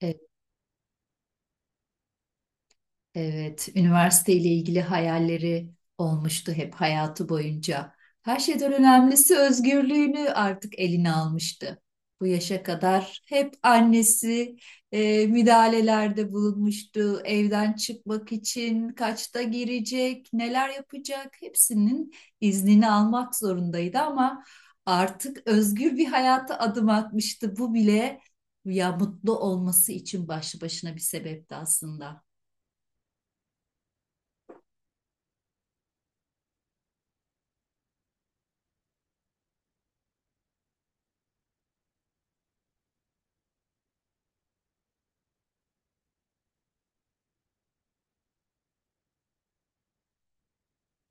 Ee, Evet, üniversiteyle ilgili hayalleri olmuştu hep hayatı boyunca. Her şeyden önemlisi özgürlüğünü artık eline almıştı. Bu yaşa kadar hep annesi müdahalelerde bulunmuştu. Evden çıkmak için kaçta girecek, neler yapacak hepsinin iznini almak zorundaydı ama artık özgür bir hayata adım atmıştı. Bu bile ya mutlu olması için başlı başına bir sebepti aslında.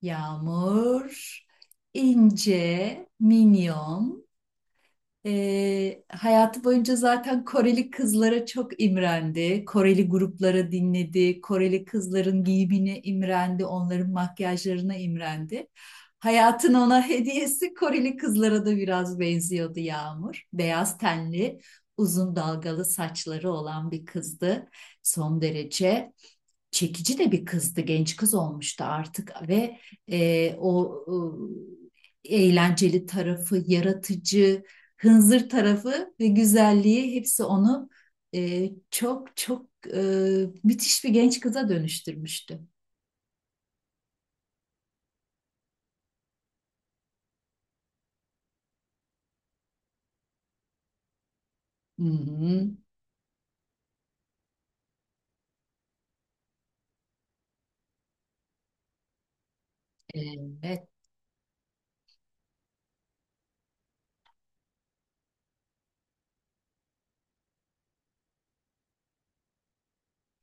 Yağmur, ince, minyon. Hayatı boyunca zaten Koreli kızlara çok imrendi. Koreli gruplara dinledi. Koreli kızların giyimine imrendi. Onların makyajlarına imrendi. Hayatın ona hediyesi Koreli kızlara da biraz benziyordu Yağmur. Beyaz tenli, uzun dalgalı saçları olan bir kızdı. Son derece çekici de bir kızdı, genç kız olmuştu artık ve e, o eğlenceli tarafı, yaratıcı, hınzır tarafı ve güzelliği hepsi onu çok çok e, müthiş bir genç kıza dönüştürmüştü. Hı hı. Evet.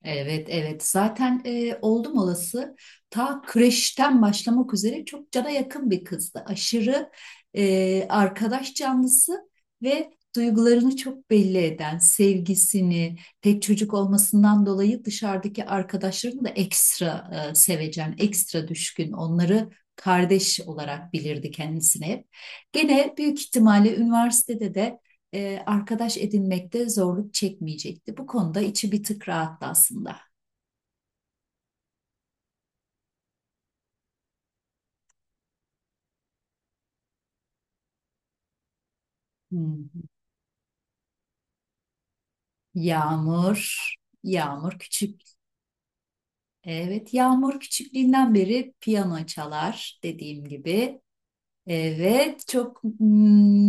Evet, evet. Zaten oldum olası ta kreşten başlamak üzere çok cana yakın bir kızdı. Aşırı arkadaş canlısı ve duygularını çok belli eden, sevgisini, tek çocuk olmasından dolayı dışarıdaki arkadaşlarını da ekstra sevecen, ekstra düşkün, onları kardeş olarak bilirdi kendisine hep. Gene büyük ihtimalle üniversitede de arkadaş edinmekte zorluk çekmeyecekti. Bu konuda içi bir tık rahattı aslında. Hmm. Yağmur, Yağmur küçük. Evet, Yağmur küçüklüğünden beri piyano çalar dediğim gibi. Evet, çok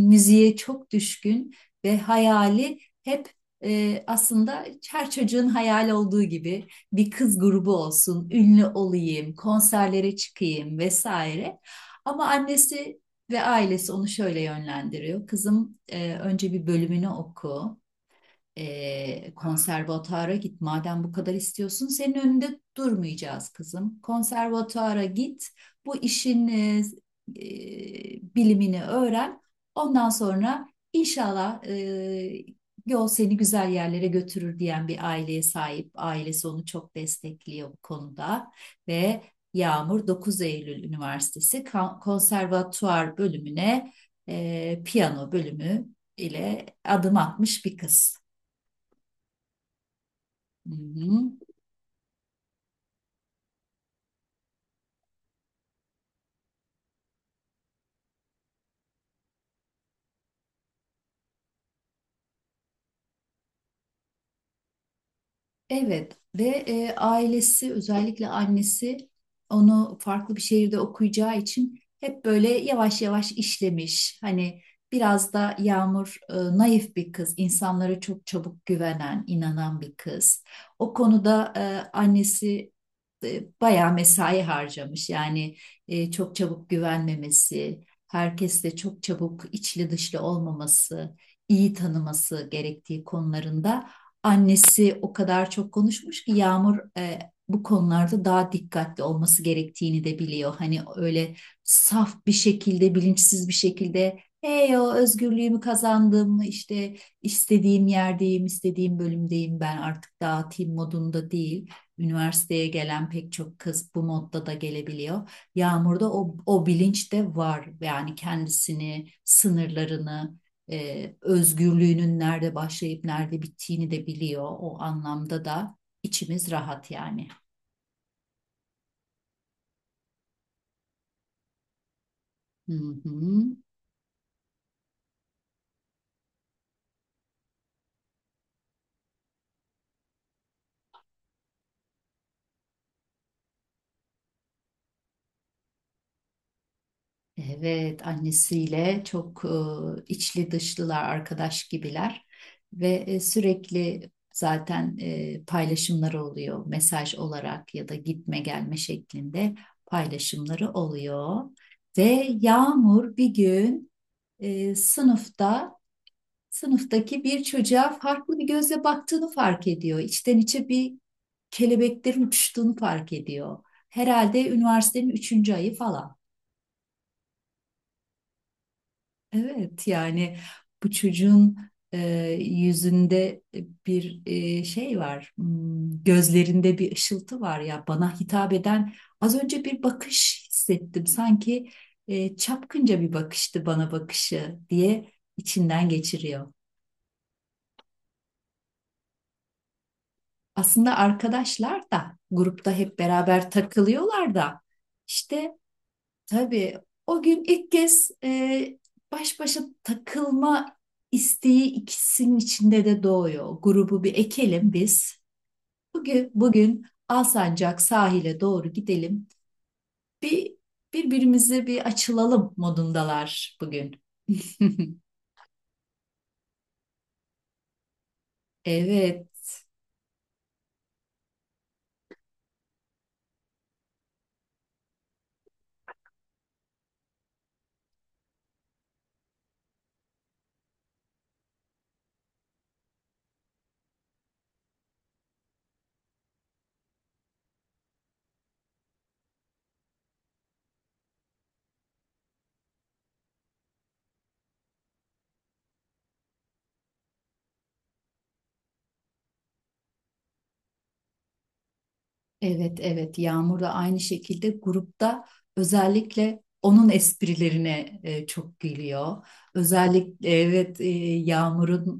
müziğe çok düşkün ve hayali hep aslında her çocuğun hayal olduğu gibi bir kız grubu olsun, ünlü olayım, konserlere çıkayım vesaire. Ama annesi ve ailesi onu şöyle yönlendiriyor. Kızım önce bir bölümünü oku konservatuara git. Madem bu kadar istiyorsun, senin önünde durmayacağız kızım. Konservatuara git. Bu işin bilimini öğren. Ondan sonra inşallah yol seni güzel yerlere götürür diyen bir aileye sahip. Ailesi onu çok destekliyor bu konuda ve Yağmur Dokuz Eylül Üniversitesi Konservatuar bölümüne piyano bölümü ile adım atmış bir kız. Hı hı. Evet ve ailesi özellikle annesi onu farklı bir şehirde okuyacağı için hep böyle yavaş yavaş işlemiş. Hani biraz da Yağmur naif bir kız, insanlara çok çabuk güvenen, inanan bir kız. O konuda annesi bayağı mesai harcamış. Yani çok çabuk güvenmemesi, herkesle çok çabuk içli dışlı olmaması, iyi tanıması gerektiği konularında. Annesi o kadar çok konuşmuş ki Yağmur bu konularda daha dikkatli olması gerektiğini de biliyor. Hani öyle saf bir şekilde, bilinçsiz bir şekilde hey o özgürlüğümü kazandım, işte istediğim yerdeyim, istediğim bölümdeyim ben artık dağıtayım modunda değil. Üniversiteye gelen pek çok kız bu modda da gelebiliyor. Yağmur'da o bilinç de var. Yani kendisini, sınırlarını, özgürlüğünün nerede başlayıp nerede bittiğini de biliyor. O anlamda da içimiz rahat yani. Hı hı. Evet, annesiyle çok içli dışlılar, arkadaş gibiler ve sürekli zaten paylaşımları oluyor. Mesaj olarak ya da gitme gelme şeklinde paylaşımları oluyor. Ve Yağmur bir gün e, sınıfta sınıftaki bir çocuğa farklı bir gözle baktığını fark ediyor. İçten içe bir kelebeklerin uçuştuğunu fark ediyor. Herhalde üniversitenin üçüncü ayı falan. Evet yani bu çocuğun e, yüzünde bir şey var, gözlerinde bir ışıltı var ya bana hitap eden az önce bir bakış hissettim. Sanki çapkınca bir bakıştı bana bakışı diye içinden geçiriyor. Aslında arkadaşlar da grupta hep beraber takılıyorlar da işte tabii o gün ilk kez baş başa takılma isteği ikisinin içinde de doğuyor. Grubu bir ekelim biz. Bugün Alsancak sahile doğru gidelim. Bir birbirimize bir açılalım modundalar bugün. Evet. Evet evet Yağmur da aynı şekilde grupta özellikle onun esprilerine çok gülüyor. Özellikle evet Yağmur'un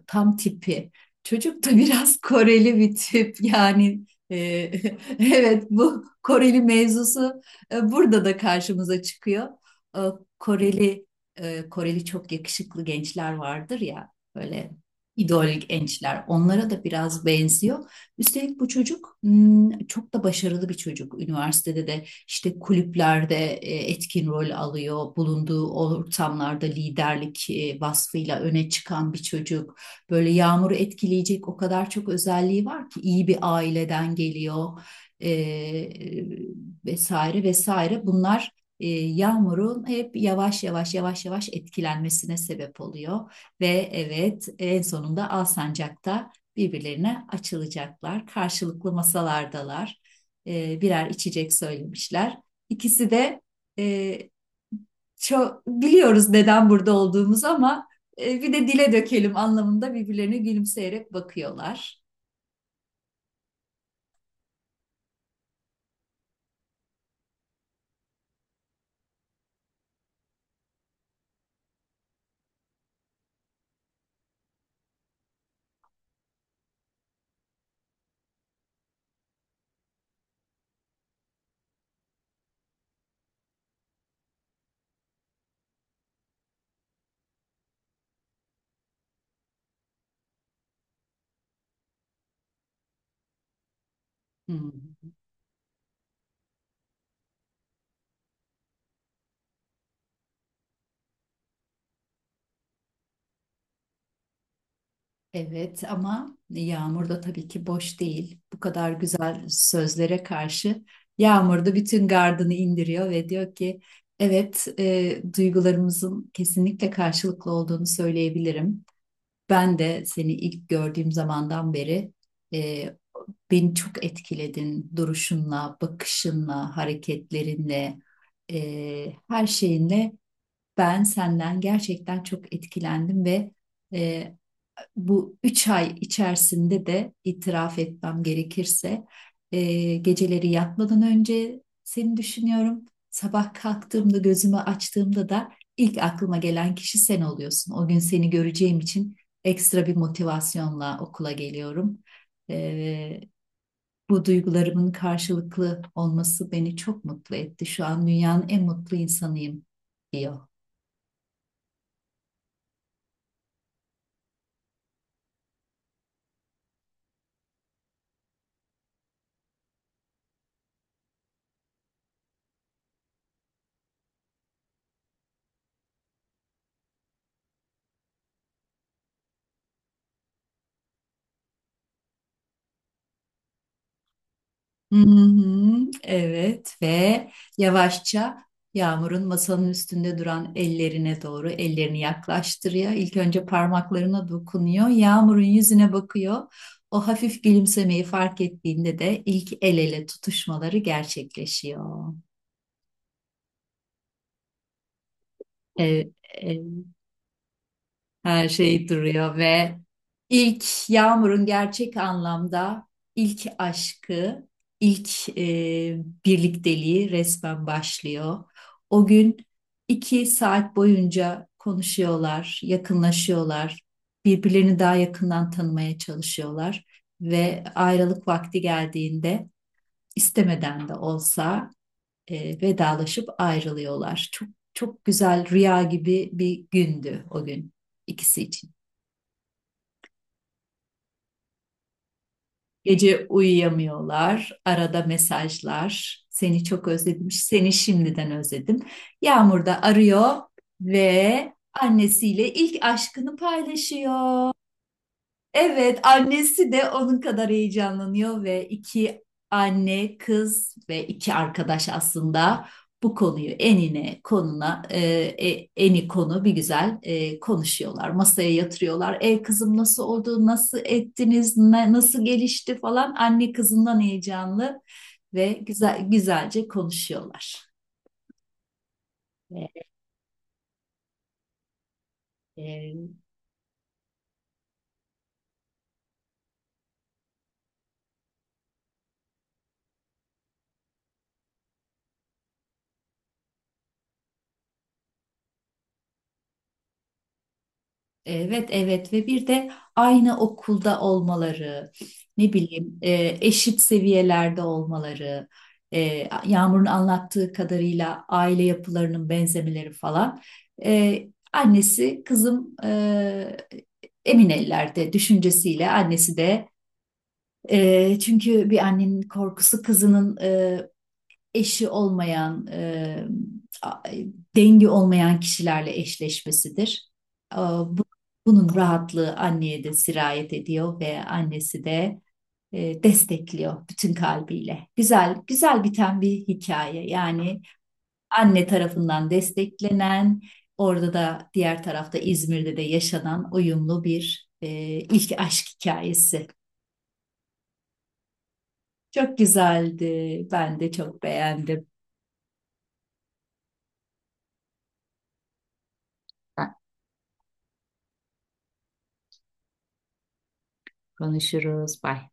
tam tipi. Çocuk da biraz Koreli bir tip yani e, evet bu Koreli mevzusu burada da karşımıza çıkıyor. E, Koreli Koreli çok yakışıklı gençler vardır ya böyle idol gençler onlara da biraz benziyor. Üstelik bu çocuk çok da başarılı bir çocuk. Üniversitede de işte kulüplerde etkin rol alıyor. Bulunduğu ortamlarda liderlik vasfıyla öne çıkan bir çocuk. Böyle Yağmur'u etkileyecek o kadar çok özelliği var ki iyi bir aileden geliyor. E, vesaire vesaire. Bunlar Yağmur'un hep yavaş yavaş etkilenmesine sebep oluyor. Ve evet en sonunda Alsancak'ta birbirlerine açılacaklar. Karşılıklı masalardalar. Birer içecek söylemişler. İkisi de e, çok biliyoruz neden burada olduğumuzu ama bir de dile dökelim anlamında birbirlerine gülümseyerek bakıyorlar. Hmm. Evet ama Yağmur da tabii ki boş değil. Bu kadar güzel sözlere karşı Yağmur da bütün gardını indiriyor ve diyor ki evet, duygularımızın kesinlikle karşılıklı olduğunu söyleyebilirim. Ben de seni ilk gördüğüm zamandan beri e, beni çok etkiledin duruşunla, bakışınla, hareketlerinle, her şeyinle ben senden gerçekten çok etkilendim ve e, bu üç ay içerisinde de itiraf etmem gerekirse geceleri yatmadan önce seni düşünüyorum. Sabah kalktığımda gözümü açtığımda da ilk aklıma gelen kişi sen oluyorsun. O gün seni göreceğim için ekstra bir motivasyonla okula geliyorum. E, Bu duygularımın karşılıklı olması beni çok mutlu etti. Şu an dünyanın en mutlu insanıyım diyor. Hı hı, evet ve yavaşça Yağmur'un masanın üstünde duran ellerine doğru ellerini yaklaştırıyor. İlk önce parmaklarına dokunuyor. Yağmur'un yüzüne bakıyor. O hafif gülümsemeyi fark ettiğinde de ilk el ele tutuşmaları gerçekleşiyor. Evet, her şey duruyor ve ilk Yağmur'un gerçek anlamda ilk aşkı, ilk birlikteliği resmen başlıyor. O gün iki saat boyunca konuşuyorlar, yakınlaşıyorlar, birbirlerini daha yakından tanımaya çalışıyorlar ve ayrılık vakti geldiğinde istemeden de olsa vedalaşıp ayrılıyorlar. Çok çok güzel rüya gibi bir gündü o gün ikisi için. Gece uyuyamıyorlar, arada mesajlar. Seni çok özledim, seni şimdiden özledim. Yağmur da arıyor ve annesiyle ilk aşkını paylaşıyor. Evet, annesi de onun kadar heyecanlanıyor ve iki anne, kız ve iki arkadaş aslında bu konuyu eni konu bir güzel konuşuyorlar. Masaya yatırıyorlar. E kızım nasıl oldu? Nasıl ettiniz? Nasıl gelişti falan. Anne kızından heyecanlı ve güzel güzelce konuşuyorlar. E, Evet, evet ve bir de aynı okulda olmaları, ne bileyim eşit seviyelerde olmaları, e, Yağmur'un anlattığı kadarıyla aile yapılarının benzemeleri falan. E, Annesi kızım emin ellerde düşüncesiyle annesi de çünkü bir annenin korkusu kızının eşi olmayan, a- dengi olmayan kişilerle eşleşmesidir. E, bu- Bunun rahatlığı anneye de sirayet ediyor ve annesi de destekliyor bütün kalbiyle. Güzel, güzel biten bir hikaye. Yani anne tarafından desteklenen, orada da diğer tarafta İzmir'de de yaşanan uyumlu bir ilk aşk hikayesi. Çok güzeldi. Ben de çok beğendim. Konuşuruz. Bye.